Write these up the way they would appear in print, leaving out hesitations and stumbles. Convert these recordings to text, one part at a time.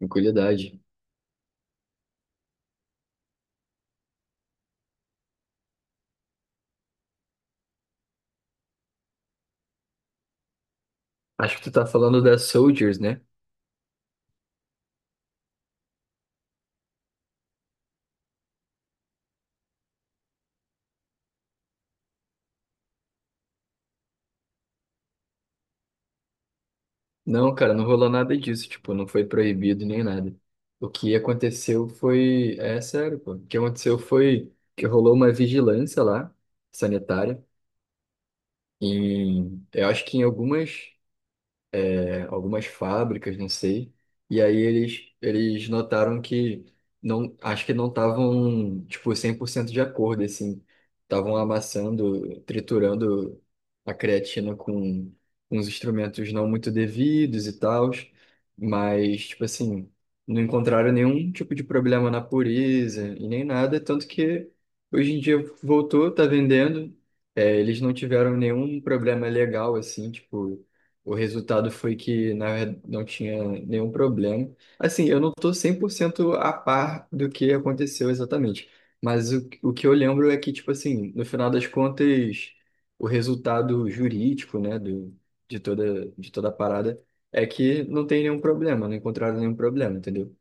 Tranquilidade. Acho que tu tá falando da Soldiers, né? Não, cara, não rolou nada disso, tipo, não foi proibido nem nada. O que aconteceu foi, é sério, pô. O que aconteceu foi que rolou uma vigilância lá, sanitária, eu acho que em algumas algumas fábricas, não sei. E aí eles notaram que não, acho que não estavam, tipo, 100% de acordo, assim. Estavam amassando, triturando a creatina com uns instrumentos não muito devidos e tal, mas, tipo assim, não encontraram nenhum tipo de problema na pureza e nem nada, tanto que hoje em dia voltou, tá vendendo. É, eles não tiveram nenhum problema legal, assim, tipo, o resultado foi que, na verdade, não tinha nenhum problema. Assim, eu não estou cento a par do que aconteceu exatamente, mas o que eu lembro é que, tipo assim, no final das contas, o resultado jurídico, né, de toda a parada é que não tem nenhum problema, não encontraram nenhum problema, entendeu?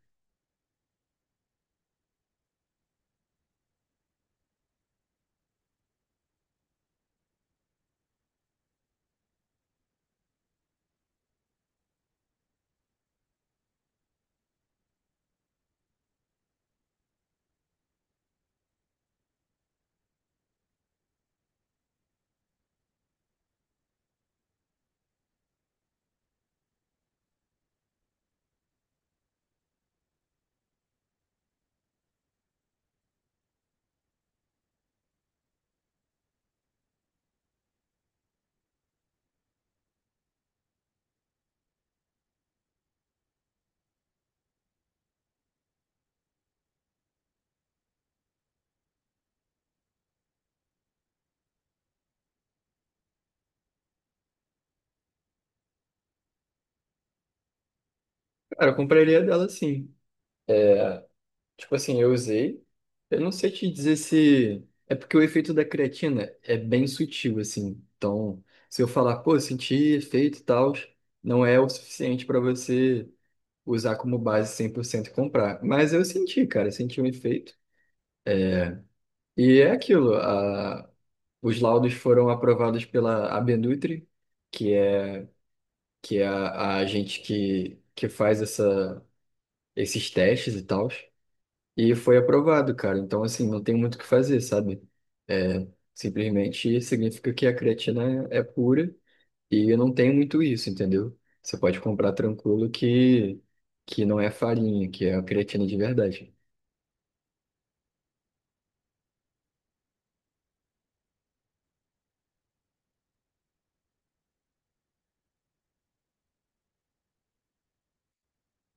Cara, eu compraria dela sim. Tipo assim, eu usei. Eu não sei te dizer se. É porque o efeito da creatina é bem sutil, assim. Então, se eu falar, pô, senti efeito e tal, não é o suficiente para você usar como base 100% e comprar. Mas eu senti, cara, eu senti um efeito. E é aquilo. A... Os laudos foram aprovados pela Abenutri, que é, que é a gente que faz essa, esses testes e tal. E foi aprovado, cara. Então, assim, não tem muito o que fazer, sabe? É, simplesmente significa que a creatina é pura e eu não tenho muito isso, entendeu? Você pode comprar tranquilo que não é farinha, que é a creatina de verdade.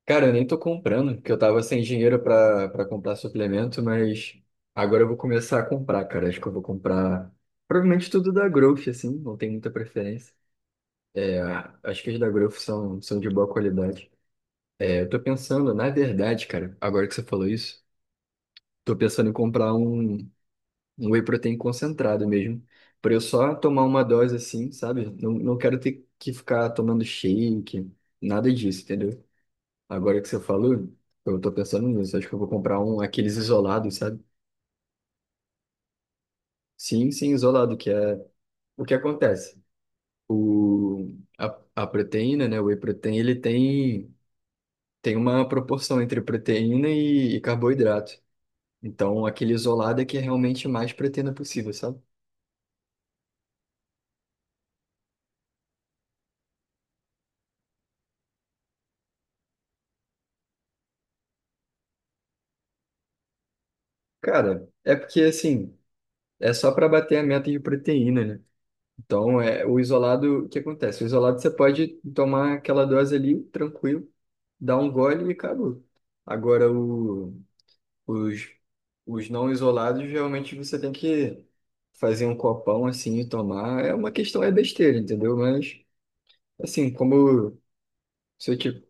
Cara, eu nem tô comprando, porque eu tava sem dinheiro pra comprar suplemento, mas agora eu vou começar a comprar, cara. Acho que eu vou comprar provavelmente tudo da Growth, assim, não tem muita preferência. É, acho que as da Growth são, são de boa qualidade. Eu tô pensando, na verdade, cara, agora que você falou isso, tô pensando em comprar um, um whey protein concentrado mesmo, pra eu só tomar uma dose assim, sabe? Não, não quero ter que ficar tomando shake, nada disso, entendeu? Agora que você falou, eu tô pensando nisso, acho que eu vou comprar um, aqueles isolados, sabe? Sim, sim, isolado, que é o que acontece. O, a, a proteína, né, o whey protein, tem uma proporção entre proteína e carboidrato. Então, aquele isolado é que é realmente mais proteína possível, sabe? Cara, é porque assim, é só para bater a meta de proteína, né? Então, é o isolado, o que acontece? O isolado você pode tomar aquela dose ali, tranquilo, dar um gole e acabou. Agora, os, os não isolados, realmente você tem que fazer um copão assim e tomar. É uma questão, é besteira, entendeu? Mas, assim, como se eu te.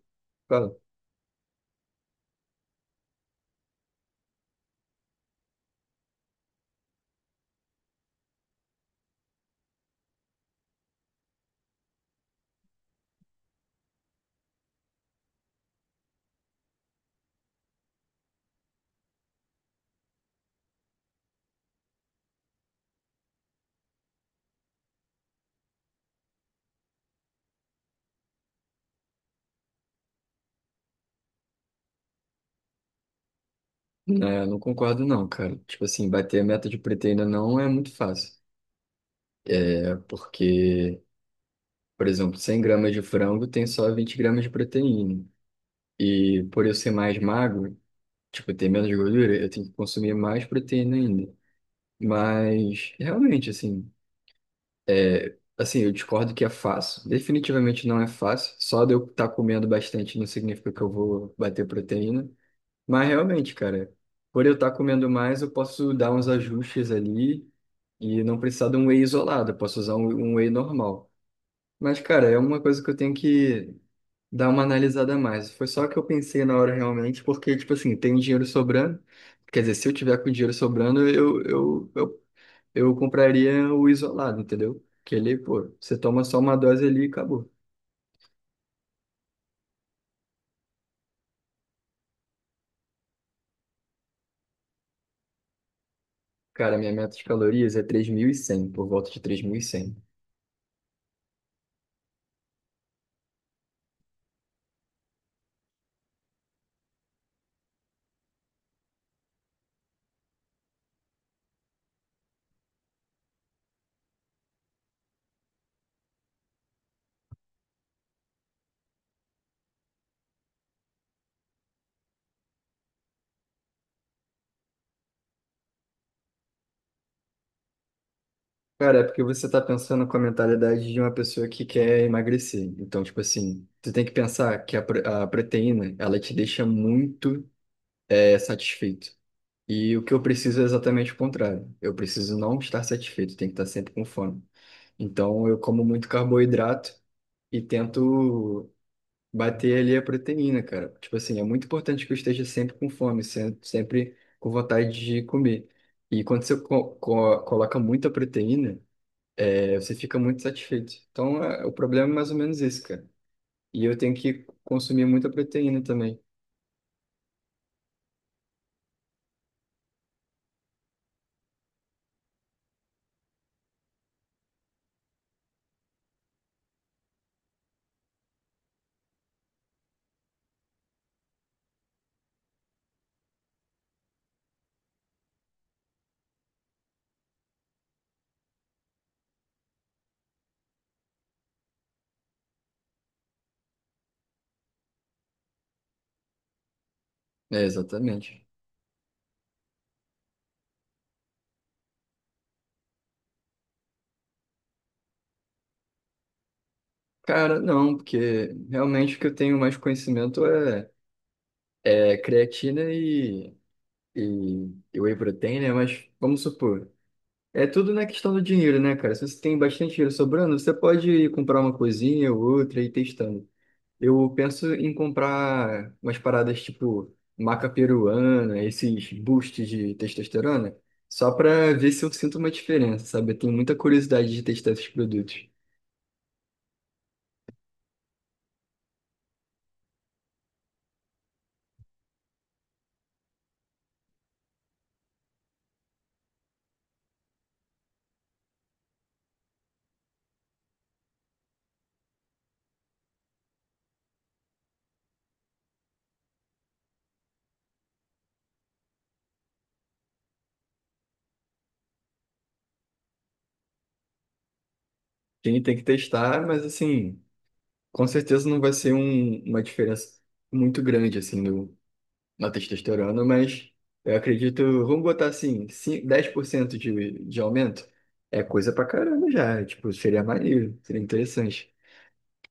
É, eu não concordo não, cara. Tipo assim, bater a meta de proteína não é muito fácil. É porque, por exemplo, 100 gramas de frango tem só 20 gramas de proteína. E por eu ser mais magro, tipo, ter menos gordura, eu tenho que consumir mais proteína ainda. Mas, realmente, assim, assim, eu discordo que é fácil. Definitivamente não é fácil. Só de eu estar comendo bastante não significa que eu vou bater proteína. Mas realmente, cara, por eu estar comendo mais, eu posso dar uns ajustes ali e não precisar de um whey isolado, eu posso usar um, um whey normal. Mas, cara, é uma coisa que eu tenho que dar uma analisada a mais. Foi só que eu pensei na hora realmente, porque, tipo assim, tem dinheiro sobrando. Quer dizer, se eu tiver com dinheiro sobrando, eu compraria o isolado, entendeu? Que ele, pô, você toma só uma dose ali e acabou. Cara, minha meta de calorias é 3.100, por volta de 3.100. Cara, é porque você tá pensando com a mentalidade de uma pessoa que quer emagrecer. Então, tipo assim, você tem que pensar que a proteína, ela te deixa muito satisfeito. E o que eu preciso é exatamente o contrário. Eu preciso não estar satisfeito, tem que estar sempre com fome. Então, eu como muito carboidrato e tento bater ali a proteína, cara. Tipo assim, é muito importante que eu esteja sempre com fome, sempre com vontade de comer. E quando você co co coloca muita proteína, aí você fica muito satisfeito. Então, o problema é mais ou menos isso, cara. E eu tenho que consumir muita proteína também. É, exatamente. Cara, não, porque realmente o que eu tenho mais conhecimento é creatina e whey protein, né? Mas vamos supor, é tudo na questão do dinheiro, né, cara? Se você tem bastante dinheiro sobrando, você pode ir comprar uma coisinha ou outra e ir testando. Eu penso em comprar umas paradas tipo maca peruana, esses boosts de testosterona, só pra ver se eu sinto uma diferença, sabe? Eu tenho muita curiosidade de testar esses produtos. Tem que testar, mas assim, com certeza não vai ser uma diferença muito grande assim no, na testosterona, mas eu acredito, vamos botar assim, 10% de aumento é coisa pra caramba já, tipo, seria maneiro, seria interessante.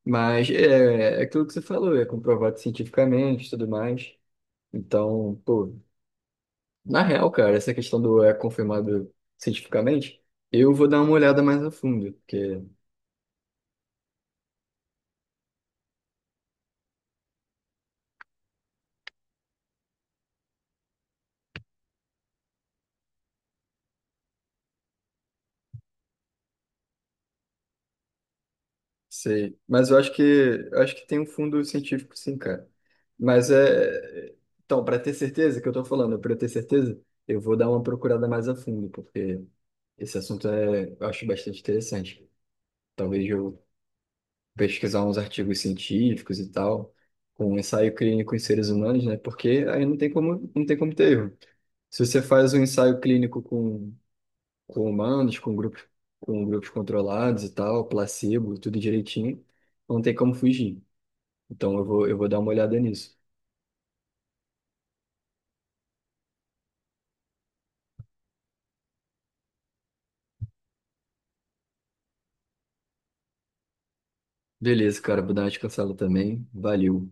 Mas é, é aquilo que você falou, é comprovado cientificamente e tudo mais. Então, pô, na real, cara, essa questão do é confirmado cientificamente, eu vou dar uma olhada mais a fundo, porque sei. Mas eu acho que tem um fundo científico, sim, cara. Mas é. Então, para ter certeza que eu tô falando, para ter certeza, eu vou dar uma procurada mais a fundo, porque esse assunto é, eu acho bastante interessante. Talvez eu pesquisar uns artigos científicos e tal, com um ensaio clínico em seres humanos, né? Porque aí não tem como, não tem como ter erro. Se você faz um ensaio clínico com humanos, com grupos controlados e tal, placebo, tudo direitinho, não tem como fugir. Então eu vou dar uma olhada nisso. Beleza, cara, vou dar uma descansada também. Valeu.